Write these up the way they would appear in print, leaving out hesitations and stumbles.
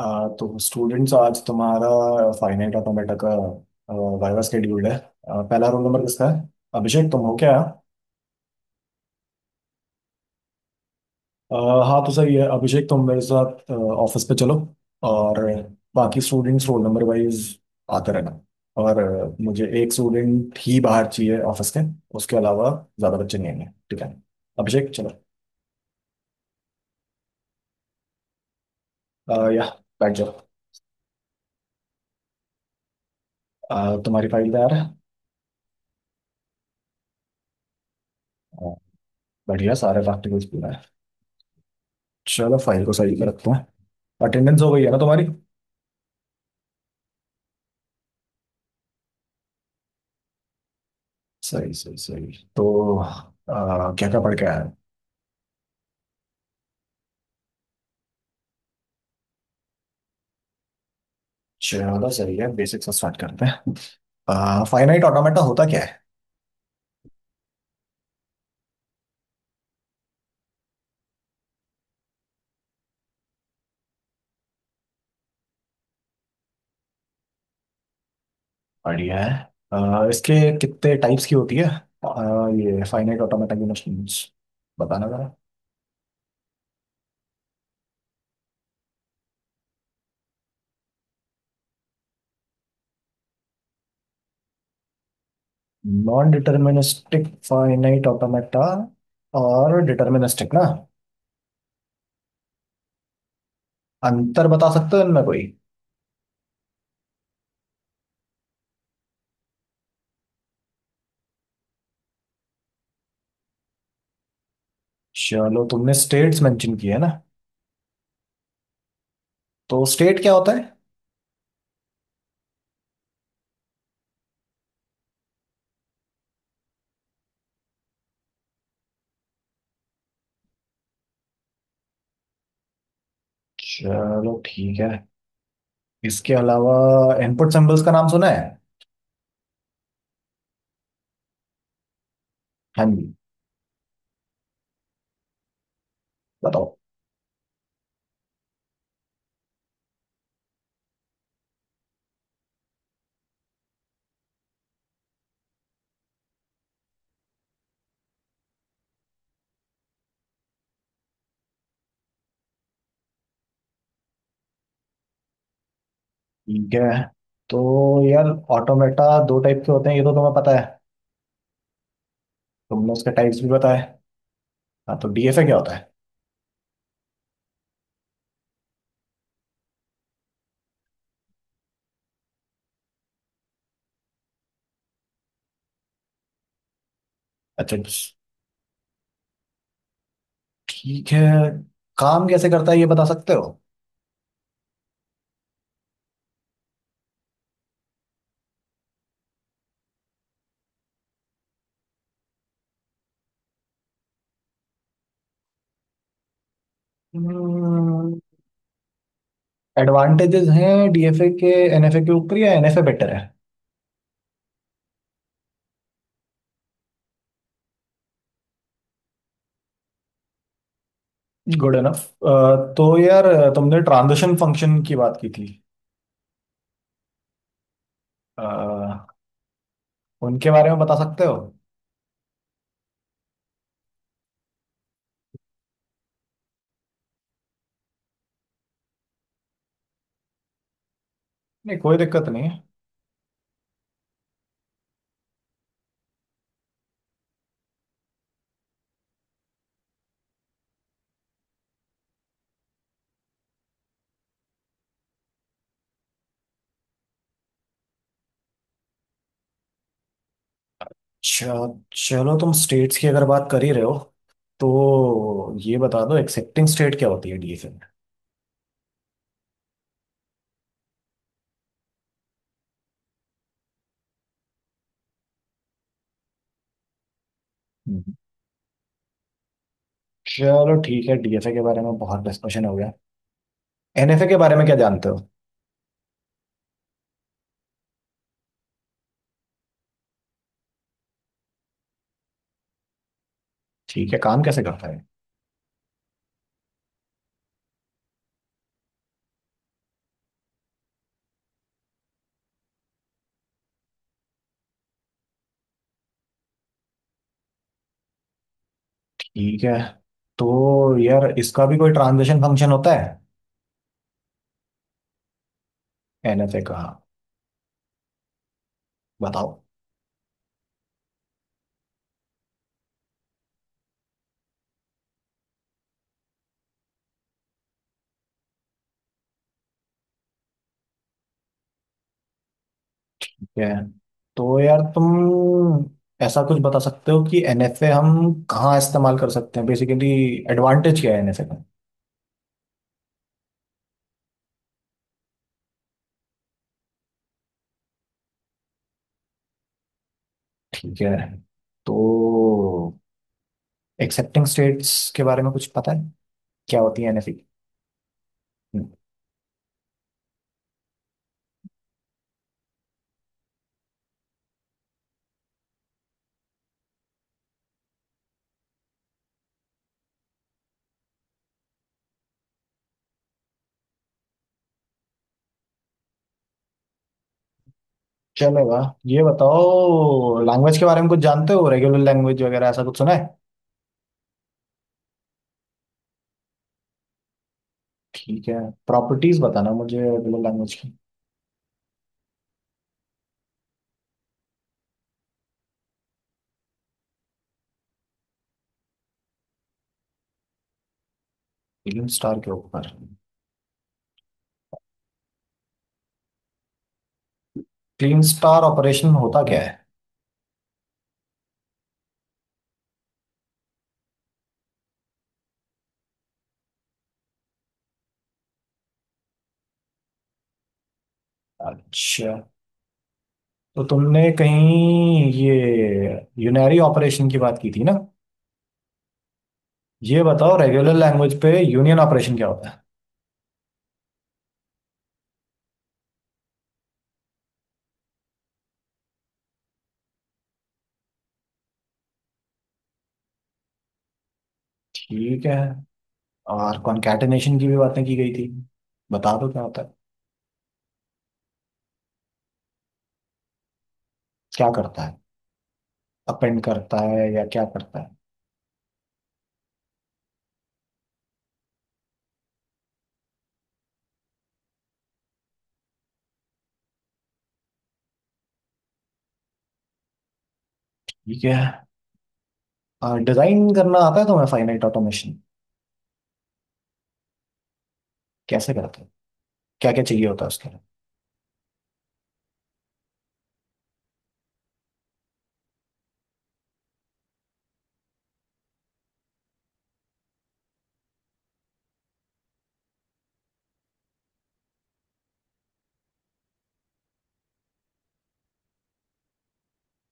तो स्टूडेंट्स आज तुम्हारा फाइनाइट ऑटोमेटा का वाइवा शेड्यूल है। पहला रोल नंबर किसका है? अभिषेक तुम हो क्या? आ, हाँ तो सही है, अभिषेक तुम मेरे साथ ऑफिस पे चलो। और बाकी स्टूडेंट्स रोल नंबर वाइज आते रहना। और मुझे एक स्टूडेंट ही बाहर चाहिए ऑफिस के। उसके अलावा ज़्यादा बच्चे नहीं आएंगे, ठीक है? अभिषेक चलो। या बैठ जाओ। तुम्हारी फाइल तैयार है? आ, बढ़िया, सारे प्रैक्टिकल्स पूरा है। चलो फाइल को सही पे रखते हैं। अटेंडेंस हो गई है ना तुम्हारी? सही सही सही, तो क्या क्या पढ़ के आया? चलो सही है, बेसिक से स्टार्ट करते हैं। फाइनाइट ऑटोमेटा होता क्या है? बढ़िया है। इसके कितने टाइप्स की होती है? ये फाइनाइट ऑटोमेटा की मशीन्स बताना जरा। नॉन डिटर्मिनिस्टिक फाइनाइट ऑटोमेटा और डिटर्मिनिस्टिक ना। अंतर बता सकते हो इनमें कोई? चलो तुमने स्टेट्स मेंशन किए ना। तो स्टेट क्या होता है? चलो ठीक है। इसके अलावा इनपुट सिंबल्स का नाम सुना है? हाँ जी। बताओ। ठीक है, तो यार ऑटोमेटा दो टाइप के होते हैं, ये तो तुम्हें पता है। तुमने उसके टाइप्स भी बताए। हाँ तो डीएफए क्या होता है? अच्छा, ठीक है। काम कैसे करता है ये बता सकते हो? एडवांटेजेस हैं डीएफए के एनएफए के ऊपर या एनएफए बेटर है? Good enough. तो यार तुमने ट्रांजिशन फंक्शन की बात की थी। अ, उनके बारे में बता सकते हो? नहीं कोई दिक्कत नहीं है। चल- चलो तुम स्टेट्स की अगर बात कर ही रहे हो, तो ये बता दो एक्सेप्टिंग स्टेट क्या होती है डीएफए में? हम्म। चलो ठीक है, डीएफए के बारे में बहुत डिस्कशन हो गया। एनएफए के बारे में क्या जानते हो? ठीक है, काम कैसे करता है? ठीक है, तो यार इसका भी कोई ट्रांजिशन फंक्शन होता है? एनएफए का, हाँ। बताओ। ठीक है, तो यार तुम ऐसा कुछ बता सकते हो कि एनएफए हम कहाँ इस्तेमाल कर सकते हैं बेसिकली? एडवांटेज क्या है एनएफए का? ठीक है, तो एक्सेप्टिंग स्टेट्स के बारे में कुछ पता है? क्या होती है एनएफई? चलेगा। ये बताओ, लैंग्वेज के बारे में कुछ जानते हो? रेगुलर लैंग्वेज वगैरह ऐसा कुछ सुना है? ठीक है, प्रॉपर्टीज बताना मुझे रेगुलर लैंग्वेज की। क्लीन स्टार के ऊपर? क्लीन स्टार ऑपरेशन होता क्या है? अच्छा, तो तुमने कहीं ये यूनरी ऑपरेशन की बात की थी ना। ये बताओ रेगुलर लैंग्वेज पे यूनियन ऑपरेशन क्या होता है? ठीक है, और कॉन्कैटेनेशन की भी बातें की गई थी। बता दो क्या होता है? क्या करता है? अपेंड करता है या क्या करता है? ठीक है, डिजाइन करना आता है तुम्हें फाइनाइट ऑटोमेशन? कैसे करते हैं? क्या क्या चाहिए होता है उसके लिए?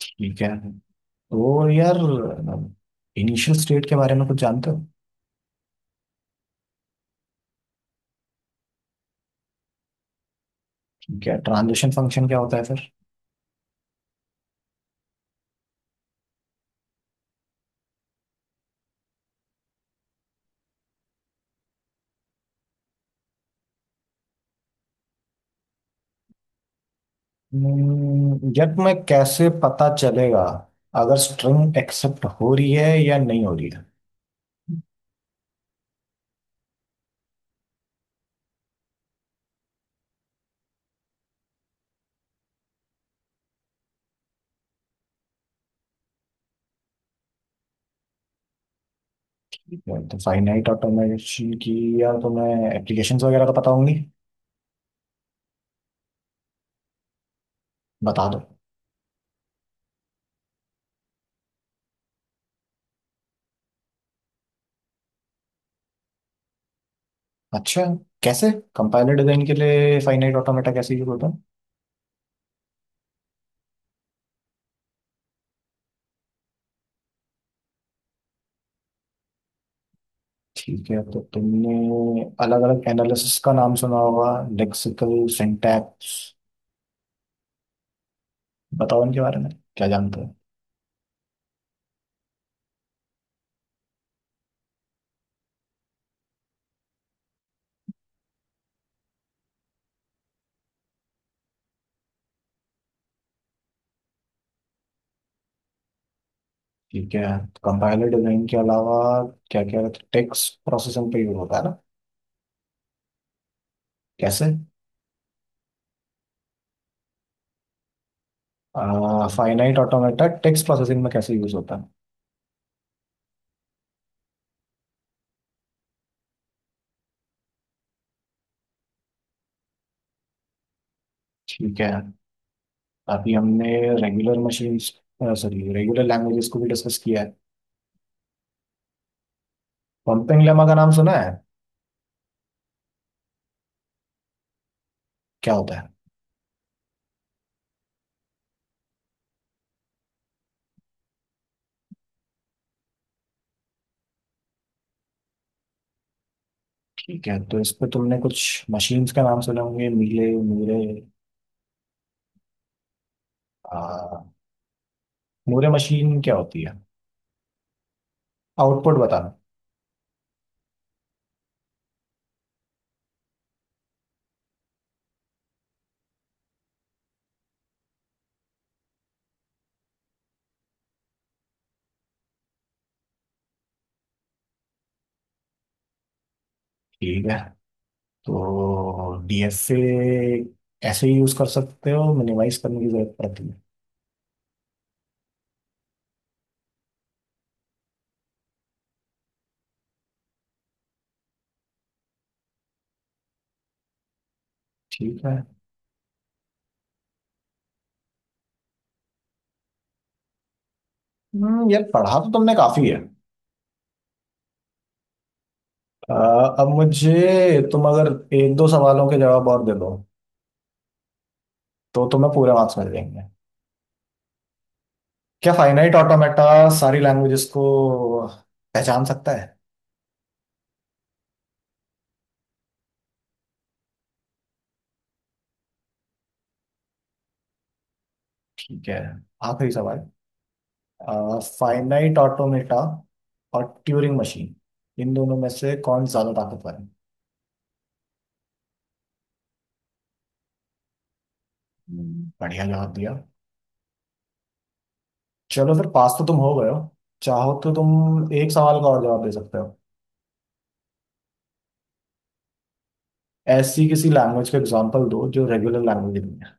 ठीक है, तो यार इनिशियल स्टेट के बारे में कुछ जानते हो? ठीक है, ट्रांजिशन फंक्शन क्या होता है फिर? यार मैं कैसे पता चलेगा अगर स्ट्रिंग एक्सेप्ट हो रही है या नहीं हो रही है? ठीक है, तो फाइनाइट ऑटोमेशन की, यार तुम्हें एप्लीकेशंस वगैरह तो पता होंगी। बता दो। अच्छा, कैसे? कंपाइलर डिजाइन के लिए फाइनाइट ऑटोमेटा कैसे यूज होता है? ठीक है, तो तुमने अलग अलग एनालिसिस का नाम सुना होगा, लेक्सिकल सिंटैक्स। बताओ इनके बारे में क्या जानते हो। ठीक है, कंपाइलर डिजाइन के अलावा क्या क्या? टेक्स्ट प्रोसेसिंग पे यूज होता है ना? कैसे? फाइनाइट ऑटोमेटा टेक्स्ट प्रोसेसिंग में कैसे यूज होता है? ठीक है। अभी हमने regular machines, sorry regular languages को भी डिस्कस किया है। पंपिंग लेमा का नाम सुना है? क्या होता है? ठीक है, तो इस पे तुमने कुछ मशीन्स का नाम सुने होंगे, मीले मूरे। आ, मूरे मशीन क्या होती है? आउटपुट बताना। ठीक है, तो डीएफए ऐसे ही यूज कर सकते हो? मिनिमाइज करने की जरूरत पड़ती है? ठीक है। यार पढ़ा तो तुमने काफी है। आ, अब मुझे तुम अगर एक दो सवालों के जवाब और दे दो तो तुम्हें पूरे मार्क्स मिल जाएंगे। क्या फाइनाइट ऑटोमेटा सारी लैंग्वेजेस को पहचान सकता है? ठीक है, आखिरी सवाल। फाइनाइट ऑटोमेटा और ट्यूरिंग मशीन, इन दोनों में से कौन ज्यादा ताकतवर है? बढ़िया जवाब दिया। चलो फिर पास तो तुम हो गए हो। चाहो तो तुम एक सवाल का और जवाब दे सकते हो। ऐसी किसी लैंग्वेज का एग्जांपल दो जो रेगुलर लैंग्वेज नहीं है।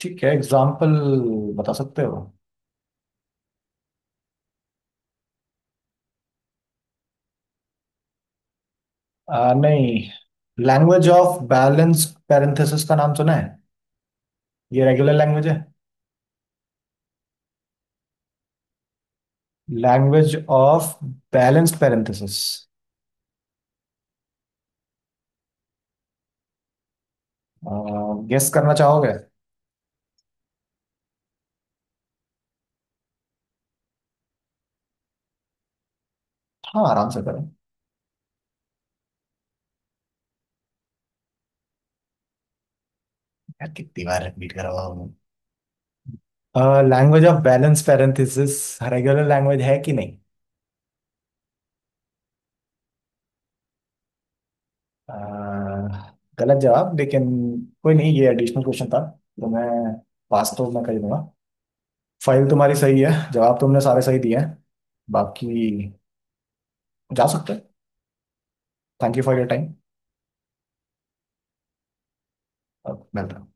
ठीक है, एग्जांपल बता सकते हो? नहीं, लैंग्वेज ऑफ बैलेंस पैरेंथेसिस का नाम सुना है? ये रेगुलर लैंग्वेज है। Language of balance parenthesis. Guess करना चाहोगे? हाँ आराम से करो। यार कितनी बार रिपीट करवाओ मैं। Language of balance parenthesis regular language है कि नहीं? अह, गलत जवाब, लेकिन कोई नहीं, ये एडिशनल क्वेश्चन था। तो मैं पास तो मैं कर दूंगा। फाइल तुम्हारी सही है, जवाब तुमने सारे सही दिए हैं। बाकी जा सकते हैं। Thank you for your time. अब मिलते हैं।